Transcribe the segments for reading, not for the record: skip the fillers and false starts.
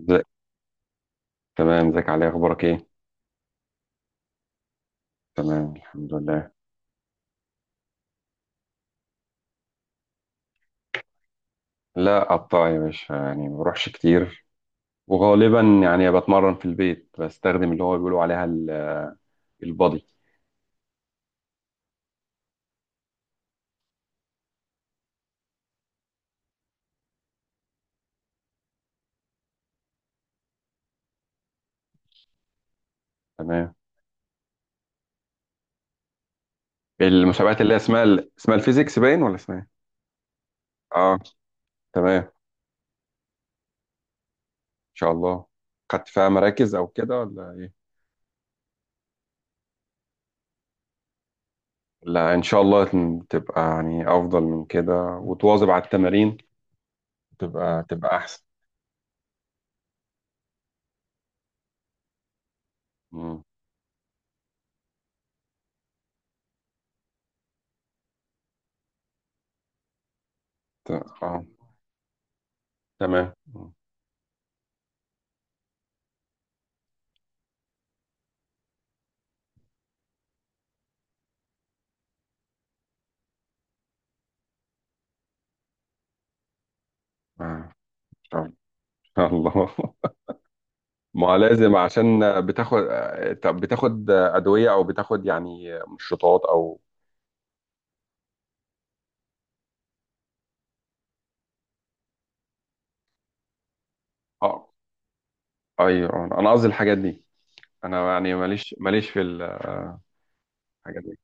ازيك. تمام، ازيك؟ علي اخبارك ايه؟ تمام، الحمد لله. لا، قطاع يا باشا، يعني ما بروحش كتير. وغالبا يعني بتمرن في البيت، بستخدم اللي هو بيقولوا عليها البادي. تمام. المسابقات اللي هي اسمها اسمها الفيزيكس باين ولا اسمها ايه؟ اه. تمام، ان شاء الله. خدت فيها مراكز او كده ولا ايه؟ لا، ان شاء الله تبقى يعني افضل من كده وتواظب على التمارين. تبقى احسن. مم. ت- اه، تمام. مم. آه. ان شاء الله. ما لازم، عشان بتاخد، طب بتاخد أدوية أو بتاخد يعني مشروطات أو؟ اه، أيوه، أنا قصدي الحاجات دي. أنا يعني ماليش في الحاجات دي.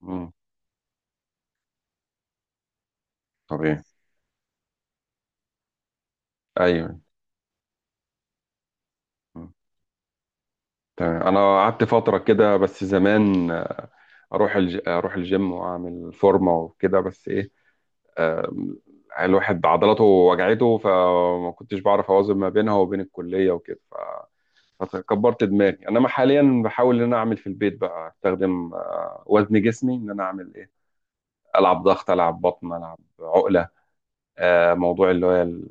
مم. طبيعي. أيوه. مم. تمام. أنا قعدت فترة كده بس زمان، أروح الجيم وأعمل فورمة وكده، بس إيه؟ آم، الواحد عضلاته وجعته، فما كنتش بعرف أوازن ما بينها وبين الكلية وكده. فكبرت دماغي، انما حاليا بحاول ان انا اعمل في البيت بقى، استخدم وزن جسمي، ان انا اعمل ايه، العب ضغط، العب بطن، العب عقله، موضوع اللي هو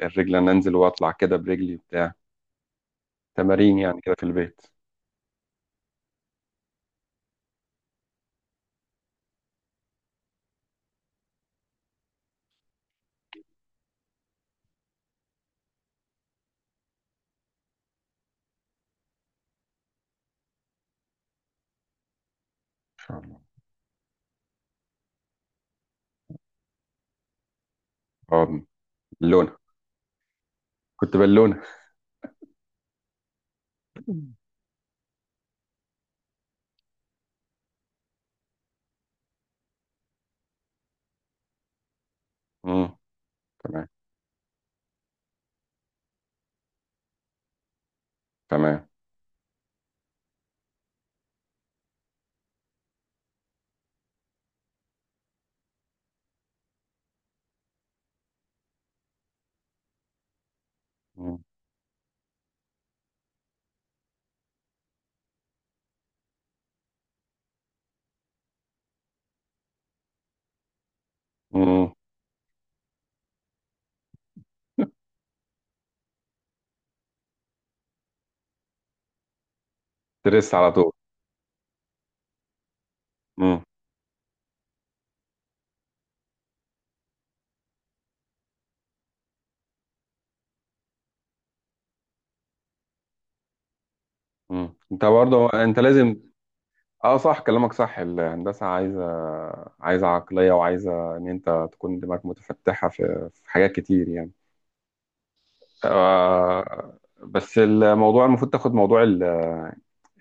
الرجل، انا انزل واطلع كده برجلي بتاع، تمارين يعني كده في البيت. ان شاء الله. اه، بالونه. كنت بالونه. امم. تمام، تمام. امم ترس على طول. امم. انت برضه، انت لازم. اه، صح. كلامك صح، الهندسة عايزة عقلية، وعايزة ان انت تكون دماغك متفتحة في حاجات كتير يعني. آه، بس الموضوع المفروض تاخد موضوع ال-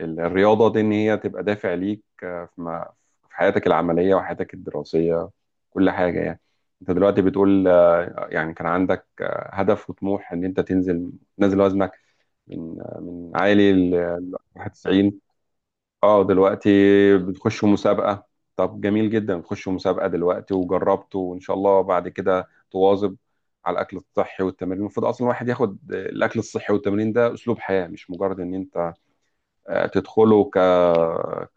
ال- الرياضة دي، ان هي تبقى دافع ليك، في في حياتك العملية وحياتك الدراسية، كل حاجة يعني. انت دلوقتي بتقول، يعني كان عندك هدف وطموح، ان انت تنزل نازل وزنك، من من عالي، ل 91. اه دلوقتي بتخشوا مسابقة؟ طب، جميل جدا. بتخشوا مسابقة دلوقتي وجربتوا، وان شاء الله بعد كده تواظب على الاكل الصحي والتمرين. المفروض اصلا الواحد ياخد الاكل الصحي والتمرين ده اسلوب حياة، مش مجرد ان انت تدخله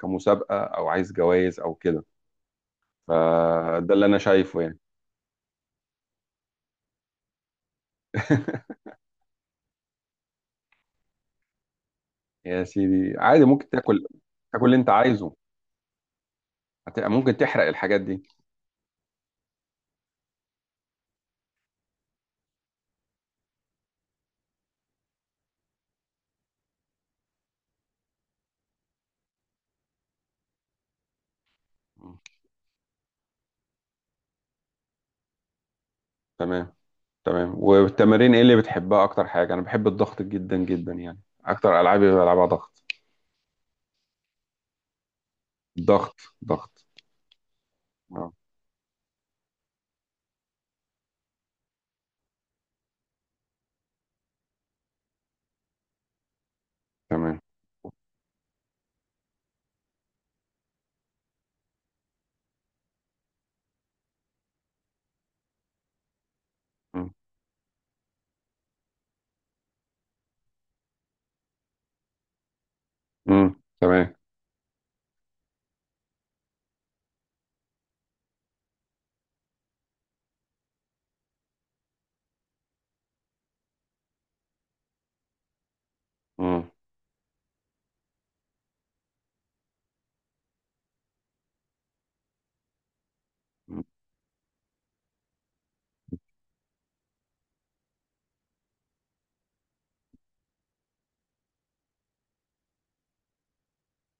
كمسابقة، او عايز جوائز او كده. فده اللي انا شايفه يعني. يا سيدي، عادي ممكن تاكل، تاكل اللي انت عايزه، ممكن تحرق الحاجات دي. تمام، تمام. والتمارين ايه اللي بتحبها؟ اكتر حاجه انا بحب الضغط جدا جدا يعني، اكتر العابي بلعبها ضغط، ضغط، ضغط. اه، تمام. مم. مم. تمام. مم. مم.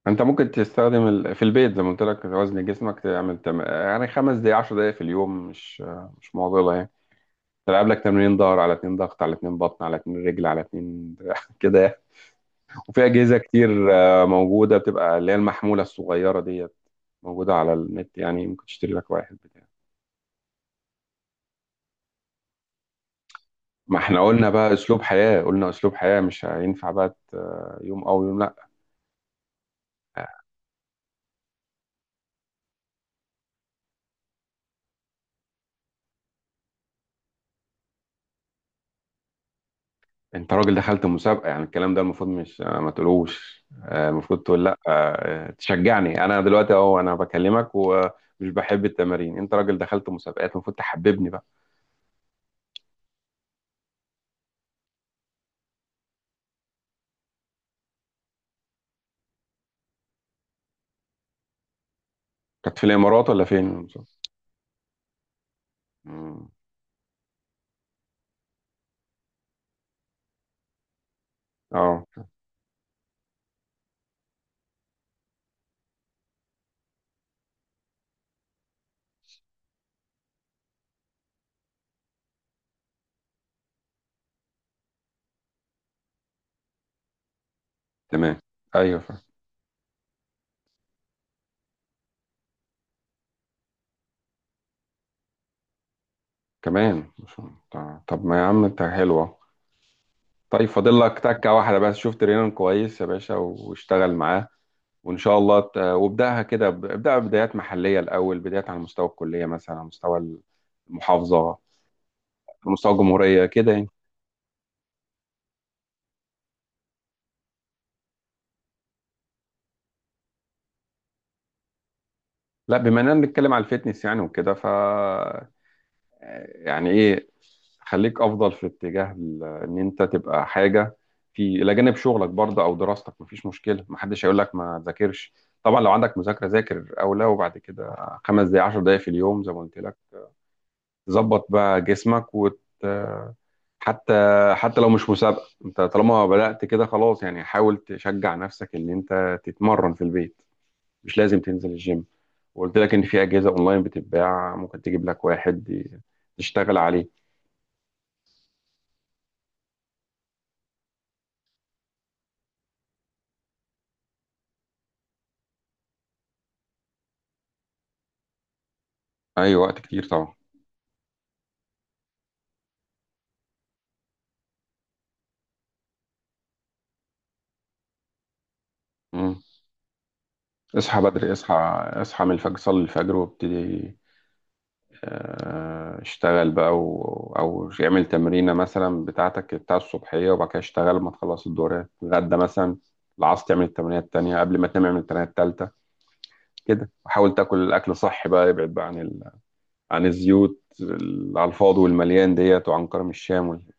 انت ممكن تستخدم في البيت زي ما قلت لك، وزن جسمك تعمل يعني 5 دقايق، 10 دقايق في اليوم، مش معضله يعني. تلعب لك تمرين ظهر على اتنين، ضغط على اتنين، بطن على اتنين، رجل على اتنين، كده يعني. وفي اجهزه كتير موجوده، بتبقى اللي هي المحموله الصغيره ديت، موجوده على النت، يعني ممكن تشتري لك واحد بتاع. ما احنا قلنا بقى اسلوب حياة، قلنا اسلوب حياة، مش هينفع بقى يوم او يوم لا. انت راجل دخلت مسابقة، يعني الكلام ده المفروض، مش ما تقولوش، المفروض تقول، لا، تشجعني انا دلوقتي اهو، انا بكلمك ومش بحب التمارين. انت راجل دخلت مسابقات، المفروض تحببني بقى. كانت في الامارات ولا فين المسابقة؟ مم. اه، تمام. ايوه، فاهم. كمان طب، طب ما يا عم انت حلوة. طيب، فاضل لك تكة واحدة بس. شفت رينان كويس يا باشا واشتغل معاه، وان شاء الله وابداها كده، ابداها بدايات محليه الاول، بدايات على مستوى الكليه مثلا، على مستوى المحافظه، على مستوى الجمهوريه كده يعني. لا، بما اننا بنتكلم على الفتنس يعني وكده، يعني ايه، خليك افضل في اتجاه ان انت تبقى حاجه في الى جانب شغلك برضه او دراستك. مفيش مشكله، محدش هيقول لك ما تذاكرش. طبعا لو عندك مذاكره ذاكر او لا، وبعد كده 5 دقائق، 10 دقائق في اليوم زي ما قلت لك، تظبط بقى جسمك حتى، لو مش مسابقة، انت طالما بدأت كده خلاص يعني، حاول تشجع نفسك ان انت تتمرن في البيت. مش لازم تنزل الجيم، وقلت لك ان في أجهزة اونلاين بتتباع، ممكن تجيب لك واحد تشتغل عليه. اي، وقت كتير طبعا. مم. اصحى بدري، اصحى، اصحى من الفجر، صلي الفجر وابتدي، اشتغل بقى او يعمل تمرينه مثلا بتاعتك بتاع الصبحيه، وبعد كده اشتغل لما تخلص. الدورات غدا مثلا العصر تعمل التمرينه التانيه، قبل ما تنام اعمل التمرينه التالته كده. وحاول تاكل الاكل صحي بقى، ابعد بقى عن عن الزيوت على الفاضي والمليان ديت، وعن كرم الشام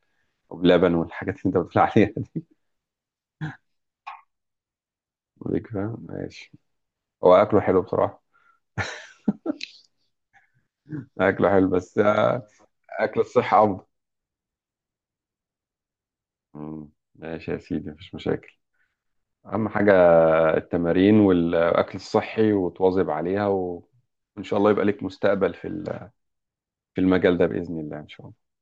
واللبن، والحاجات اللي انت بتقول عليها دي. ليك، فاهم، ماشي. هو اكله حلو بصراحه، اكله حلو بس اكل الصحه افضل. مم. ماشي يا سيدي، مفيش مشاكل. اهم حاجه التمارين والأكل الصحي، وتواظب عليها، وإن شاء الله يبقى لك مستقبل في المجال ده، بإذن الله، إن شاء الله.